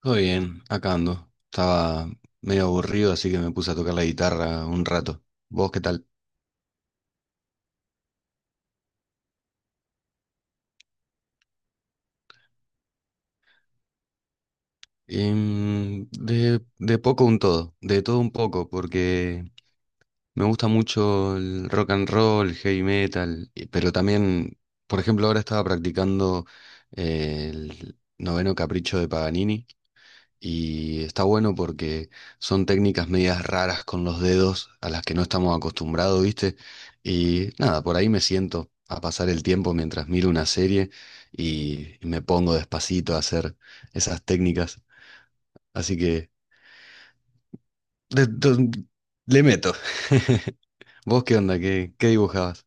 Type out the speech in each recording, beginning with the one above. Todo bien, acá ando. Estaba medio aburrido, así que me puse a tocar la guitarra un rato. ¿Vos qué tal? De todo un poco, porque me gusta mucho el rock and roll, el heavy metal, pero también, por ejemplo, ahora estaba practicando el noveno capricho de Paganini. Y está bueno porque son técnicas medias raras con los dedos a las que no estamos acostumbrados, ¿viste? Y nada, por ahí me siento a pasar el tiempo mientras miro una serie y me pongo despacito a hacer esas técnicas. Así que de- de- le meto. ¿Vos qué onda? ¿Qué dibujabas?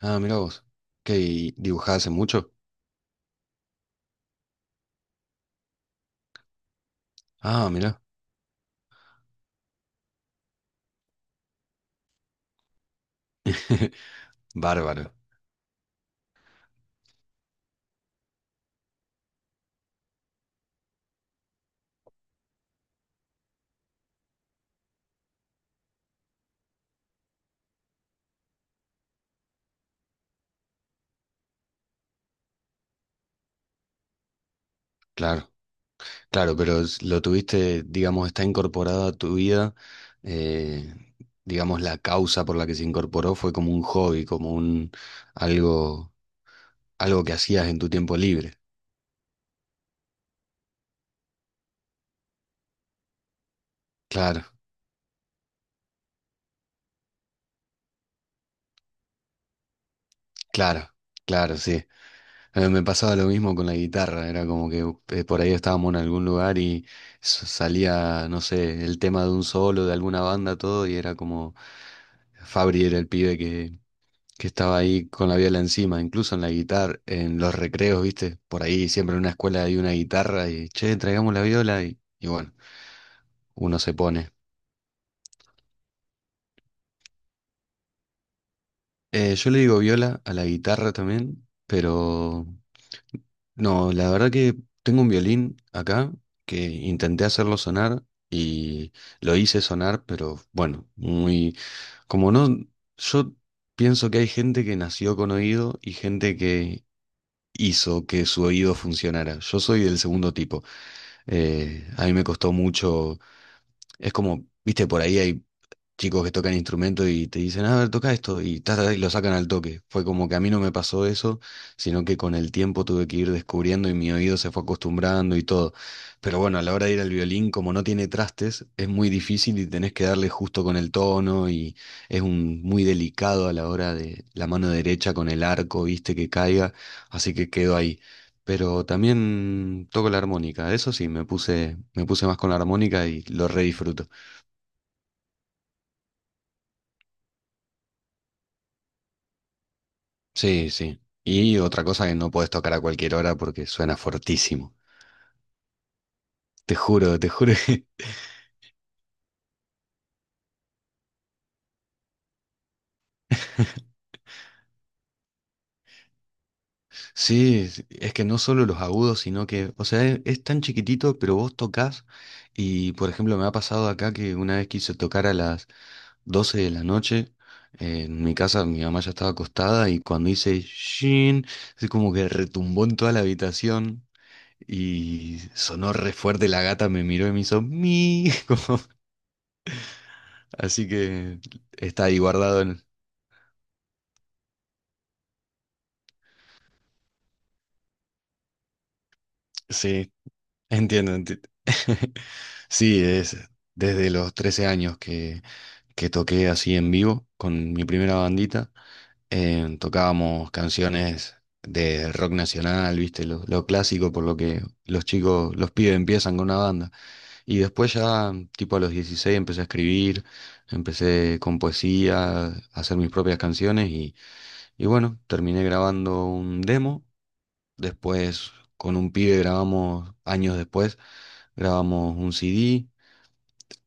Ah, mirá vos. ¿Qué dibujabas hace mucho? Ah, mirá. Bárbaro. Claro. Claro, pero lo tuviste, digamos, está incorporado a tu vida, eh, digamos, la causa por la que se incorporó fue como un hobby, como un algo, algo que hacías en tu tiempo libre. Claro, claro, claro, sí. Me pasaba lo mismo con la guitarra, era como que por ahí estábamos en algún lugar y salía, no sé, el tema de un solo, de alguna banda, todo, y era como Fabri era el pibe que estaba ahí con la viola encima, incluso en la guitarra, en los recreos, ¿viste? Por ahí siempre en una escuela hay una guitarra y, che, traigamos la viola y bueno, uno se pone. Yo le digo viola a la guitarra también, pero no, la verdad que tengo un violín acá que intenté hacerlo sonar y lo hice sonar, pero bueno, muy, como no, yo pienso que hay gente que nació con oído y gente que hizo que su oído funcionara. Yo soy del segundo tipo. A mí me costó mucho, es como, viste, por ahí hay chicos que tocan instrumentos y te dicen, a ver, toca esto, y, ta, ta, ta, y lo sacan al toque. Fue como que a mí no me pasó eso, sino que con el tiempo tuve que ir descubriendo y mi oído se fue acostumbrando y todo. Pero bueno, a la hora de ir al violín, como no tiene trastes, es muy difícil y tenés que darle justo con el tono y es un, muy delicado a la hora de la mano derecha con el arco, viste, que caiga, así que quedó ahí. Pero también toco la armónica, eso sí, me puse más con la armónica y lo re disfruto. Sí, sí. Y otra cosa que no puedes tocar a cualquier hora porque suena fortísimo. Te juro que sí, es que no solo los agudos, sino que, o sea, es tan chiquitito, pero vos tocas y, por ejemplo, me ha pasado acá que una vez quise tocar a las 12 de la noche, en mi casa mi mamá ya estaba acostada y cuando hice shin, así como que retumbó en toda la habitación y sonó re fuerte, la gata me miró y me hizo mi, como, así que está ahí guardado. Sí, entiendo. Sí, es desde los 13 años que toqué así en vivo con mi primera bandita. Tocábamos canciones de rock nacional, viste, lo clásico por lo que los chicos, los pibes empiezan con una banda. Y después ya, tipo a los 16 empecé a escribir, empecé con poesía, a hacer mis propias canciones y bueno, terminé grabando un demo. Después con un pibe grabamos, años después, grabamos un CD.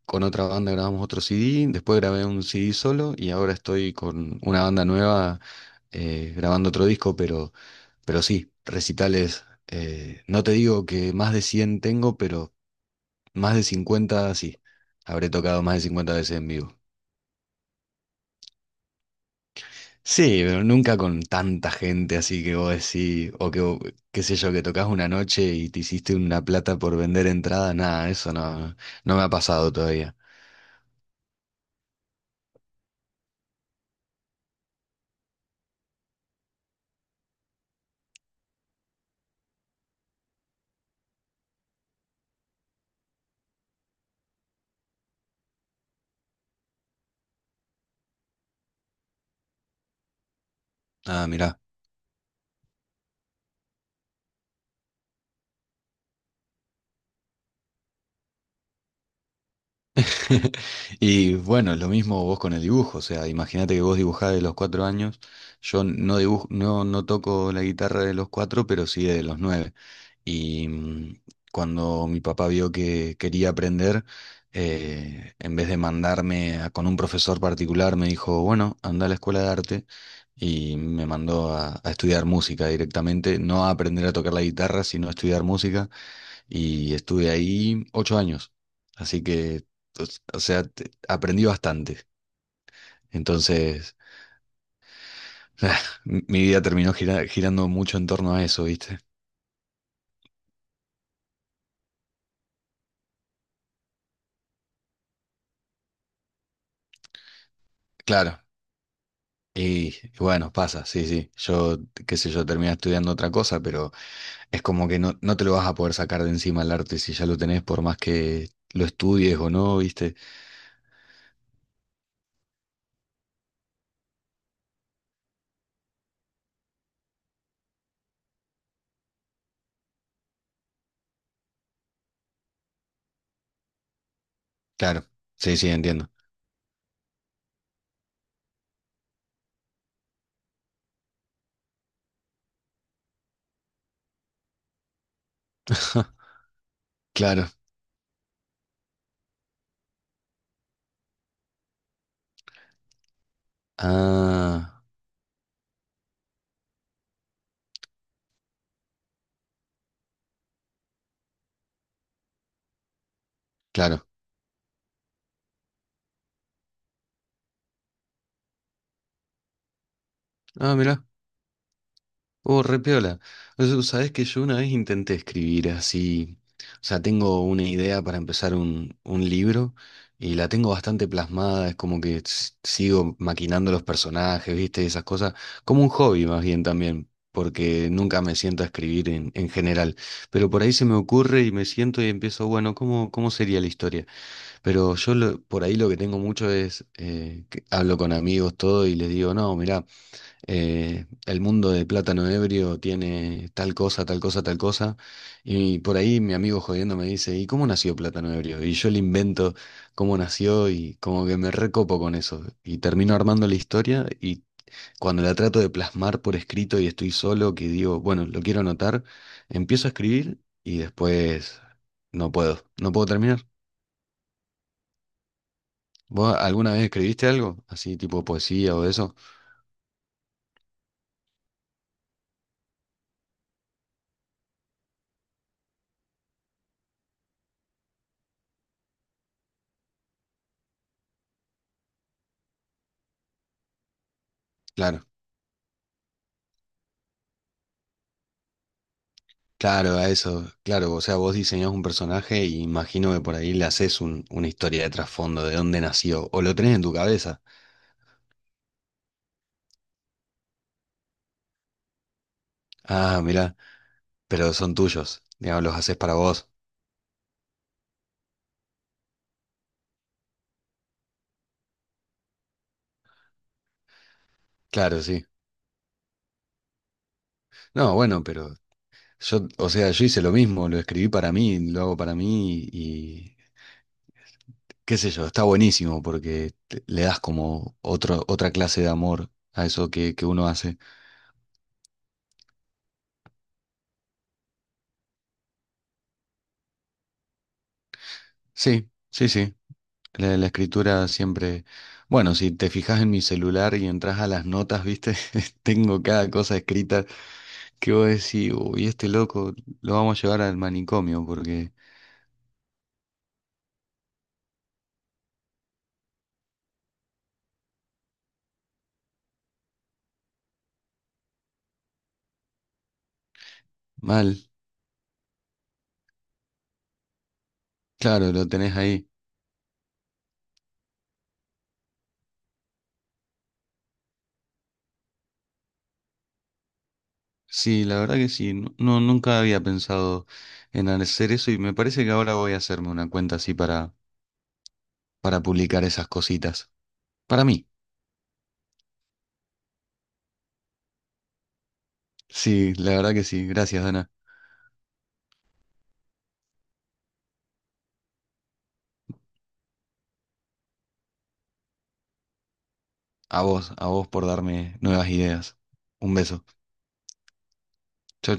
Con otra banda grabamos otro CD. Después grabé un CD solo y ahora estoy con una banda nueva grabando otro disco, pero sí, recitales. No te digo que más de 100 tengo, pero más de 50 sí. Habré tocado más de 50 veces en vivo. Sí, pero nunca con tanta gente así que vos decís, qué sé yo, que tocas una noche y te hiciste una plata por vender entrada, nada, eso no me ha pasado todavía. Ah, mirá. Y bueno, lo mismo vos con el dibujo, o sea, imagínate que vos dibujás de los 4 años, yo no dibujo, no toco la guitarra de los 4, pero sí de los 9. Y cuando mi papá vio que quería aprender, en vez de mandarme con un profesor particular, me dijo, bueno, anda a la escuela de arte y me mandó a estudiar música directamente, no a aprender a tocar la guitarra, sino a estudiar música y estuve ahí 8 años. Así que, o sea, aprendí bastante. Entonces, mi vida terminó girando mucho en torno a eso, ¿viste? Claro, y bueno, pasa, sí, sí. Yo, qué sé yo, terminé estudiando otra cosa, pero es como que no, no te lo vas a poder sacar de encima el arte si ya lo tenés, por más que lo estudies o no, ¿viste? Claro, sí, sí, entiendo. Claro. Ah, claro. Ah, mira. Oh, re piola. O sea, sabés que yo una vez intenté escribir así. O sea, tengo una idea para empezar un libro y la tengo bastante plasmada. Es como que sigo maquinando los personajes, ¿viste? Esas cosas. Como un hobby más bien también, porque nunca me siento a escribir en general. Pero por ahí se me ocurre y me siento y empiezo, bueno, ¿cómo sería la historia? Pero por ahí lo que tengo mucho es, que hablo con amigos, todo, y les digo, no, mirá el mundo de plátano ebrio tiene tal cosa, tal cosa, tal cosa. Y por ahí mi amigo jodiendo me dice, ¿y cómo nació plátano ebrio? Y yo le invento cómo nació y como que me recopo con eso. Y termino armando la historia y cuando la trato de plasmar por escrito y estoy solo, que digo, bueno, lo quiero anotar, empiezo a escribir y después no puedo terminar. ¿Vos alguna vez escribiste algo así tipo poesía o eso? Claro. Claro, a eso, claro, o sea, vos diseñás un personaje y imagino que por ahí le haces una historia de trasfondo, de dónde nació, o lo tenés en tu cabeza. Ah, mirá, pero son tuyos, digamos, los haces para vos. Claro, sí. No, bueno, pero yo, o sea, yo hice lo mismo, lo escribí para mí, lo hago para mí y qué sé yo, está buenísimo porque le das como otro, otra clase de amor a eso que uno hace. Sí, sí, sí. La escritura siempre, bueno, si te fijas en mi celular y entras a las notas, viste, tengo cada cosa escrita que vos decís, uy, este loco lo vamos a llevar al manicomio porque mal, claro, lo tenés ahí. Sí, la verdad que sí, nunca había pensado en hacer eso y me parece que ahora voy a hacerme una cuenta así para publicar esas cositas. Para mí, sí, la verdad que sí, gracias Dana. A vos por darme nuevas ideas. Un beso. Chau,